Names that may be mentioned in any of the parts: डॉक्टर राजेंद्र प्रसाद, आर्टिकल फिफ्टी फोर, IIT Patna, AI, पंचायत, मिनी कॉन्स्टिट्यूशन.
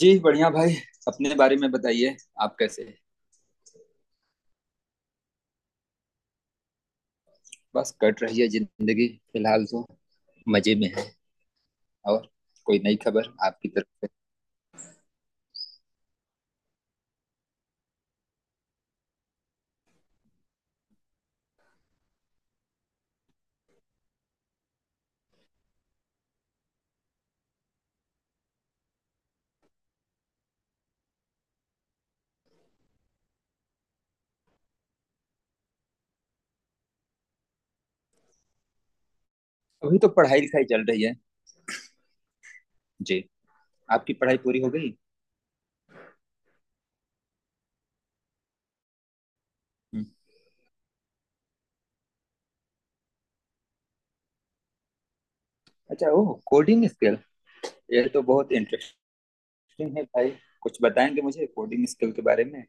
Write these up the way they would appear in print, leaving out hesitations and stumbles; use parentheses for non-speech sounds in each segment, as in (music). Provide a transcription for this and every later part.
जी बढ़िया भाई। अपने बारे में बताइए। आप कैसे हैं। बस कट रही है जिंदगी फिलहाल तो। मजे में है। और कोई नई खबर आपकी तरफ से। अभी तो पढ़ाई लिखाई चल रही है। जी, आपकी पढ़ाई पूरी हो गई। हम्म। अच्छा, ओह कोडिंग स्किल। ये तो बहुत इंटरेस्टिंग है भाई। कुछ बताएंगे मुझे कोडिंग स्किल के बारे में।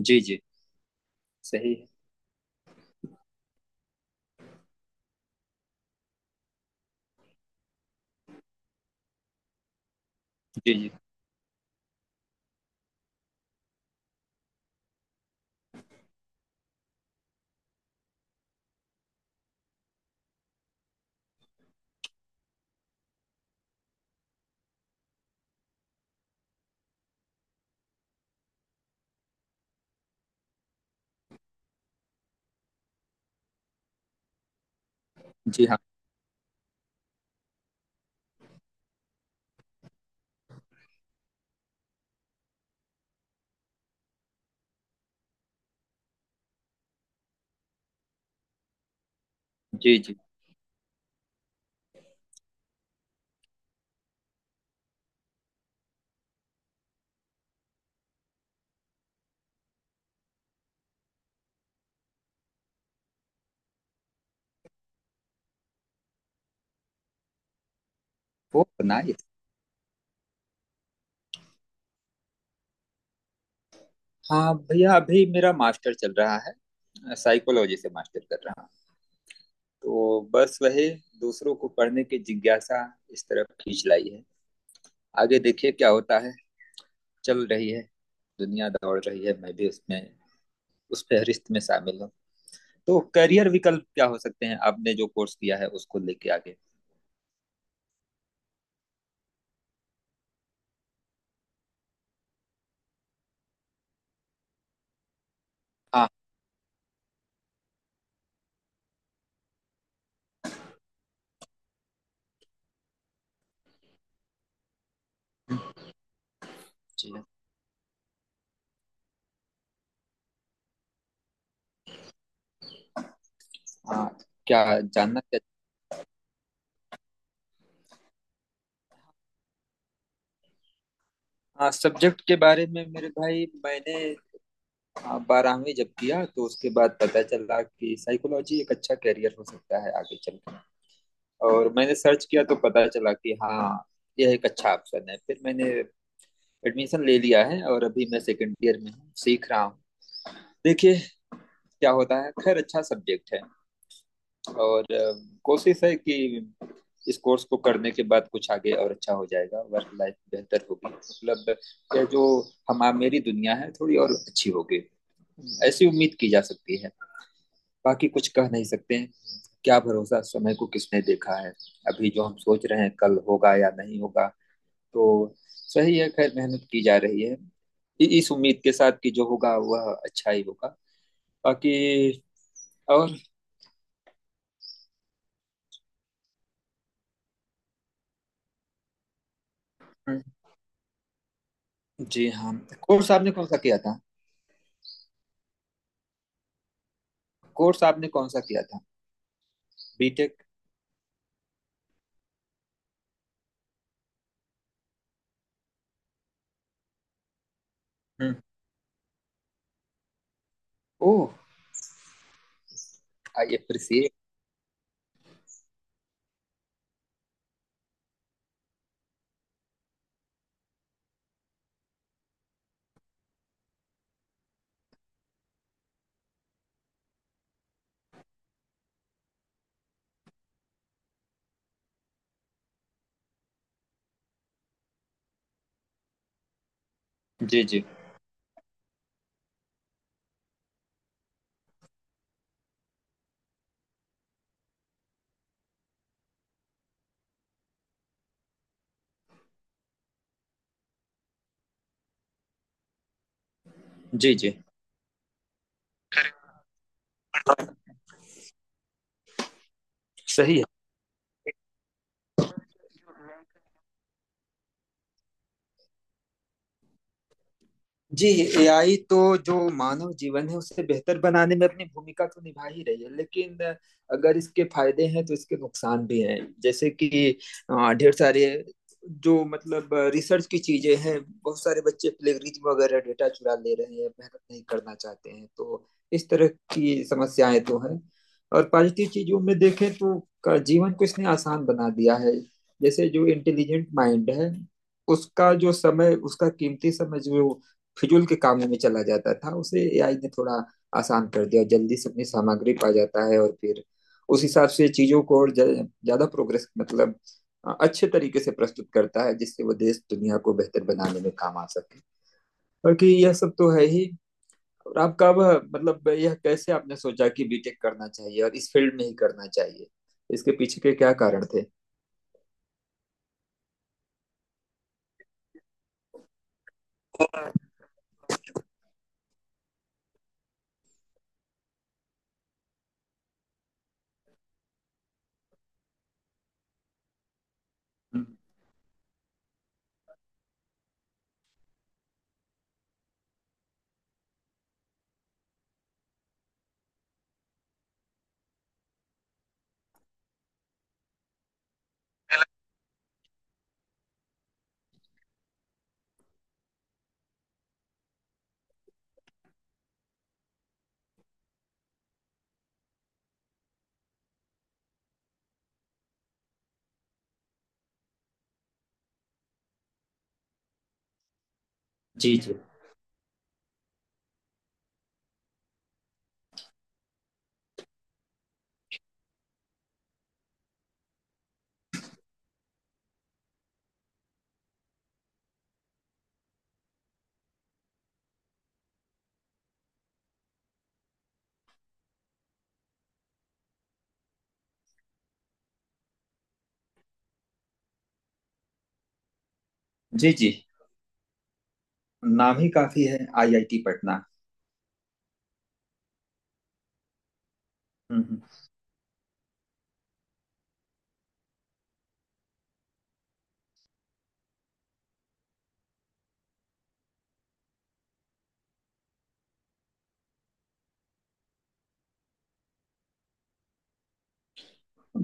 जी जी। सही है। जी जी। जी हाँ। जी जी। वो बनाइए। हाँ भैया, अभी मेरा मास्टर चल रहा है, साइकोलॉजी से मास्टर कर रहा हूँ। तो बस वही दूसरों को पढ़ने की जिज्ञासा इस तरफ खींच लाई है। आगे देखिए क्या होता है। चल रही है दुनिया, दौड़ रही है, मैं भी उसमें उस फहरिस्त में शामिल हूँ। तो करियर विकल्प क्या हो सकते हैं आपने जो कोर्स किया है उसको लेके आगे। हाँ। जी हाँ। क्या जानना क्या। हाँ, सब्जेक्ट के बारे में मेरे भाई, मैंने हाँ, बारहवीं जब किया तो उसके बाद पता चला कि साइकोलॉजी एक अच्छा करियर हो सकता है आगे चल। और मैंने सर्च किया तो पता चला कि हाँ, यह एक अच्छा ऑप्शन है। फिर मैंने एडमिशन ले लिया है और अभी मैं सेकेंड ईयर में हूँ, सीख रहा हूँ। देखिए क्या होता है। खैर, अच्छा सब्जेक्ट है। और कोशिश है कि इस कोर्स को करने के बाद कुछ आगे और अच्छा हो जाएगा, वर्क लाइफ बेहतर होगी, मतलब यह जो हम मेरी दुनिया है थोड़ी और अच्छी होगी। ऐसी उम्मीद की जा सकती है। बाकी कुछ कह नहीं सकते हैं। क्या भरोसा, समय को किसने देखा है। अभी जो हम सोच रहे हैं कल होगा या नहीं होगा। तो सही है, खैर मेहनत की जा रही है इस उम्मीद के साथ कि जो होगा वह अच्छा ही होगा। बाकी और हम्म। जी हाँ। कोर्स आपने कौन सा किया था। कोर्स आपने कौन सा किया था। बीटेक। हम्म। ओह, आई अप्रिशिएट। जी जी। जी जी। सही है। जी। एआई तो जो मानव जीवन है उसे बेहतर बनाने में अपनी भूमिका तो निभा ही रही है, लेकिन अगर इसके फायदे हैं तो इसके नुकसान भी हैं। जैसे कि ढेर सारे जो मतलब रिसर्च की चीजें हैं, बहुत सारे बच्चे प्लेगरिज्म वगैरह डेटा चुरा ले रहे हैं, मेहनत नहीं करना चाहते हैं, तो इस तरह की समस्याएं तो हैं। और पॉजिटिव चीजों में देखें तो का जीवन को इसने आसान बना दिया है। जैसे जो इंटेलिजेंट माइंड है उसका जो समय, उसका कीमती समय जो फिजूल के कामों में चला जाता था उसे एआई ने थोड़ा आसान कर दिया, और जल्दी से अपनी सामग्री पा जाता है और फिर उस हिसाब से चीजों को और ज्यादा प्रोग्रेस मतलब अच्छे तरीके से प्रस्तुत करता है, जिससे वो देश दुनिया को बेहतर बनाने में काम आ सके। बाकी यह सब तो है ही। और आप कब, मतलब यह कैसे आपने सोचा कि बीटेक करना चाहिए और इस फील्ड में ही करना चाहिए, इसके पीछे के क्या कारण थे। जी जी। जी जी। नाम ही काफी है आईआईटी पटना। हम्म हम्म।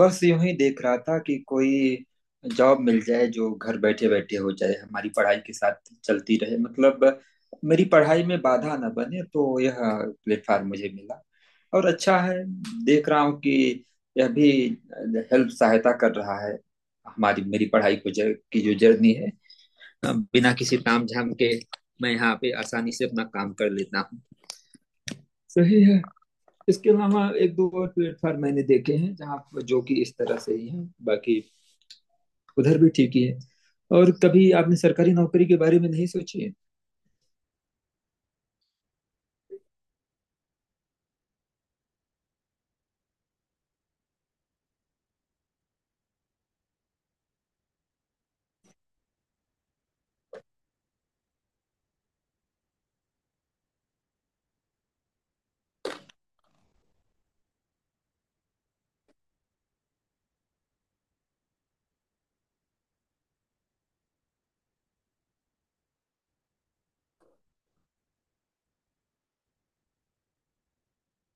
बस यूं ही देख रहा था कि कोई जॉब मिल जाए जो घर बैठे बैठे हो जाए, हमारी पढ़ाई के साथ चलती रहे, मतलब मेरी पढ़ाई में बाधा ना बने। तो यह प्लेटफॉर्म मुझे मिला और अच्छा है, देख रहा हूँ कि यह भी हेल्प, सहायता कर रहा है हमारी मेरी पढ़ाई को, की जो जर्नी है, बिना किसी तामझाम के मैं यहाँ पे आसानी से अपना काम कर लेता हूँ। सही है। इसके अलावा एक दो और प्लेटफॉर्म मैंने देखे हैं जहाँ, जो कि इस तरह से ही हैं, बाकी उधर भी ठीक ही है। और कभी आपने सरकारी नौकरी के बारे में नहीं सोची है।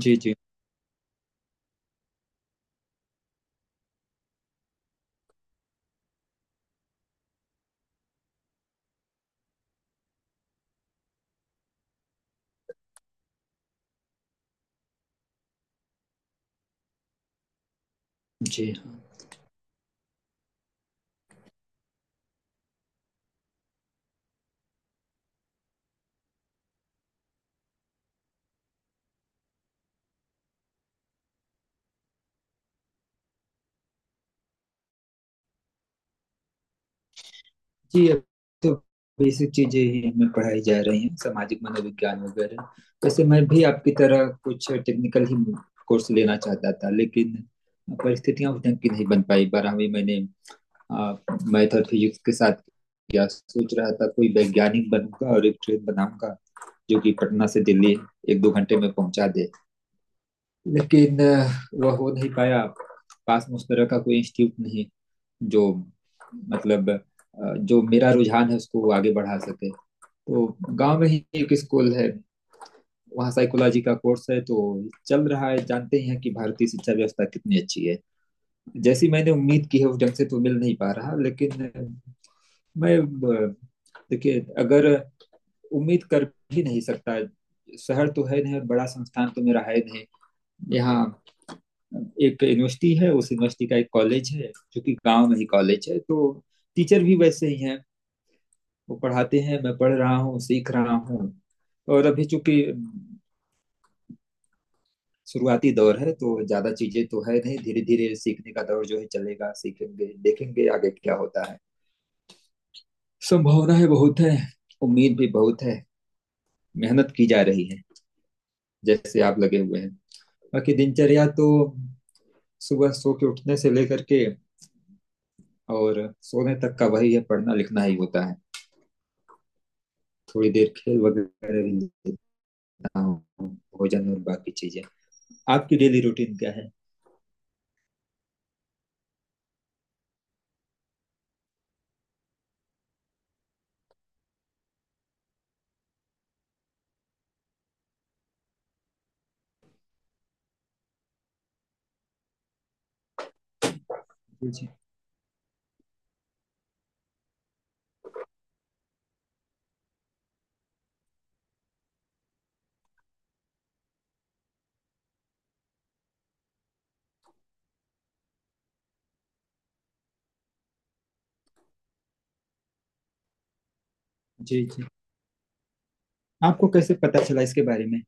जी जी। जी हाँ जी अब तो बेसिक चीजें ही हमें पढ़ाई जा रही हैं, सामाजिक मनोविज्ञान वगैरह। वैसे मैं भी आपकी तरह कुछ टेक्निकल ही कोर्स लेना चाहता था, लेकिन परिस्थितियां उस ढंग की नहीं बन पाई। बारहवीं मैंने मैथ और फिजिक्स के साथ किया, सोच रहा था कोई वैज्ञानिक बनूंगा और एक ट्रेन बनाऊंगा जो कि पटना से दिल्ली एक दो घंटे में पहुंचा दे, लेकिन वह हो नहीं पाया। पास में उस तरह का कोई इंस्टीट्यूट नहीं जो मतलब जो मेरा रुझान है उसको वो आगे बढ़ा सके। तो गांव में ही एक स्कूल है, वहाँ साइकोलॉजी का कोर्स है, तो चल रहा है। जानते ही हैं कि भारतीय शिक्षा व्यवस्था कितनी अच्छी है। जैसी मैंने उम्मीद की है उस ढंग से तो मिल नहीं पा रहा, लेकिन मैं अ, देखिए अगर उम्मीद कर भी नहीं सकता, शहर तो है नहीं और बड़ा संस्थान तो मेरा है नहीं। यहाँ एक यूनिवर्सिटी है, उस यूनिवर्सिटी का एक कॉलेज है जो कि गांव में ही कॉलेज है, तो टीचर भी वैसे ही हैं। वो पढ़ाते हैं, मैं पढ़ रहा हूँ, सीख रहा हूँ। और अभी चूंकि शुरुआती दौर है तो ज्यादा चीजें तो है नहीं, धीरे धीरे सीखने का दौर जो है चलेगा, सीखेंगे, देखेंगे आगे क्या होता है। संभावनाएं बहुत है, उम्मीद भी बहुत है, मेहनत की जा रही है जैसे आप लगे हुए हैं। बाकी दिनचर्या तो सुबह सो के उठने से लेकर के और सोने तक का वही है, पढ़ना लिखना ही होता है। थोड़ी देर खेल वगैरह भी लेता हूँ, भोजन और बाकी चीजें। आपकी डेली रूटीन क्या है। जी जी। जी जी। आपको कैसे पता चला इसके बारे में।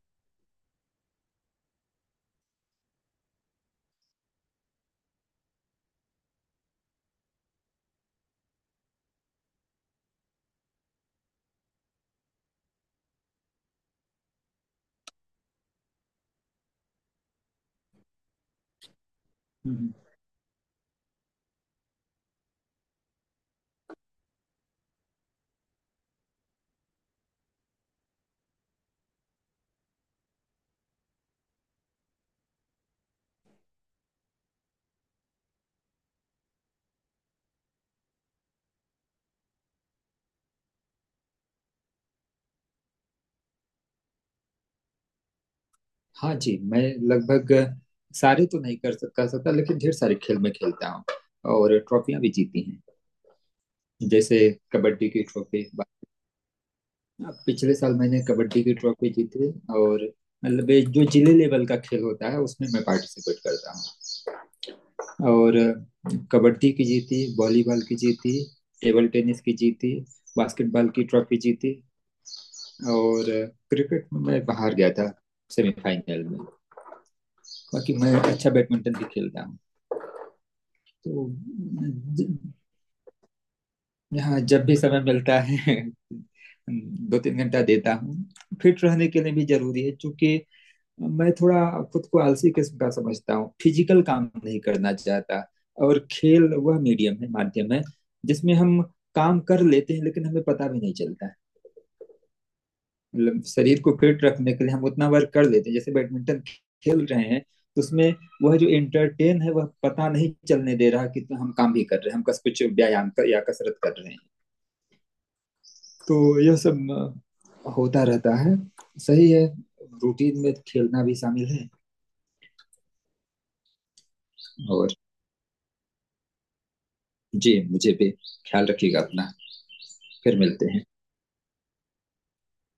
हम्म। हाँ जी, मैं लगभग सारे तो नहीं कर सकता लेकिन ढेर सारे खेल में खेलता हूँ, और ट्रॉफियां भी जीती हैं। जैसे कबड्डी की ट्रॉफी, पिछले साल मैंने कबड्डी की ट्रॉफी जीती। और मतलब ये जो जिले लेवल का खेल होता है उसमें मैं पार्टिसिपेट करता हूँ। और कबड्डी की जीती, वॉलीबॉल की जीती, टेबल टेनिस की जीती, बास्केटबॉल की ट्रॉफी जीती, और क्रिकेट में मैं बाहर गया था सेमीफाइनल में। बाकी मैं अच्छा बैडमिंटन भी खेलता हूँ। तो ज- यहाँ जब भी समय मिलता है (laughs) दो तीन घंटा देता हूँ। फिट रहने के लिए भी जरूरी है क्योंकि मैं थोड़ा खुद को आलसी किस्म का समझता हूँ, फिजिकल काम नहीं करना चाहता। और खेल वह मीडियम है, माध्यम है जिसमें हम काम कर लेते हैं लेकिन हमें पता भी नहीं चलता है, मतलब शरीर को फिट रखने के लिए हम उतना वर्क कर लेते हैं। जैसे बैडमिंटन खेल रहे हैं तो उसमें वह जो एंटरटेन है वह पता नहीं चलने दे रहा कि तो हम काम भी कर रहे हैं, हम कस कुछ व्यायाम कर या कसरत कर रहे हैं। तो यह सब होता रहता है। सही है, रूटीन में खेलना भी शामिल है। और जी मुझे भी, ख्याल रखिएगा अपना। फिर मिलते हैं।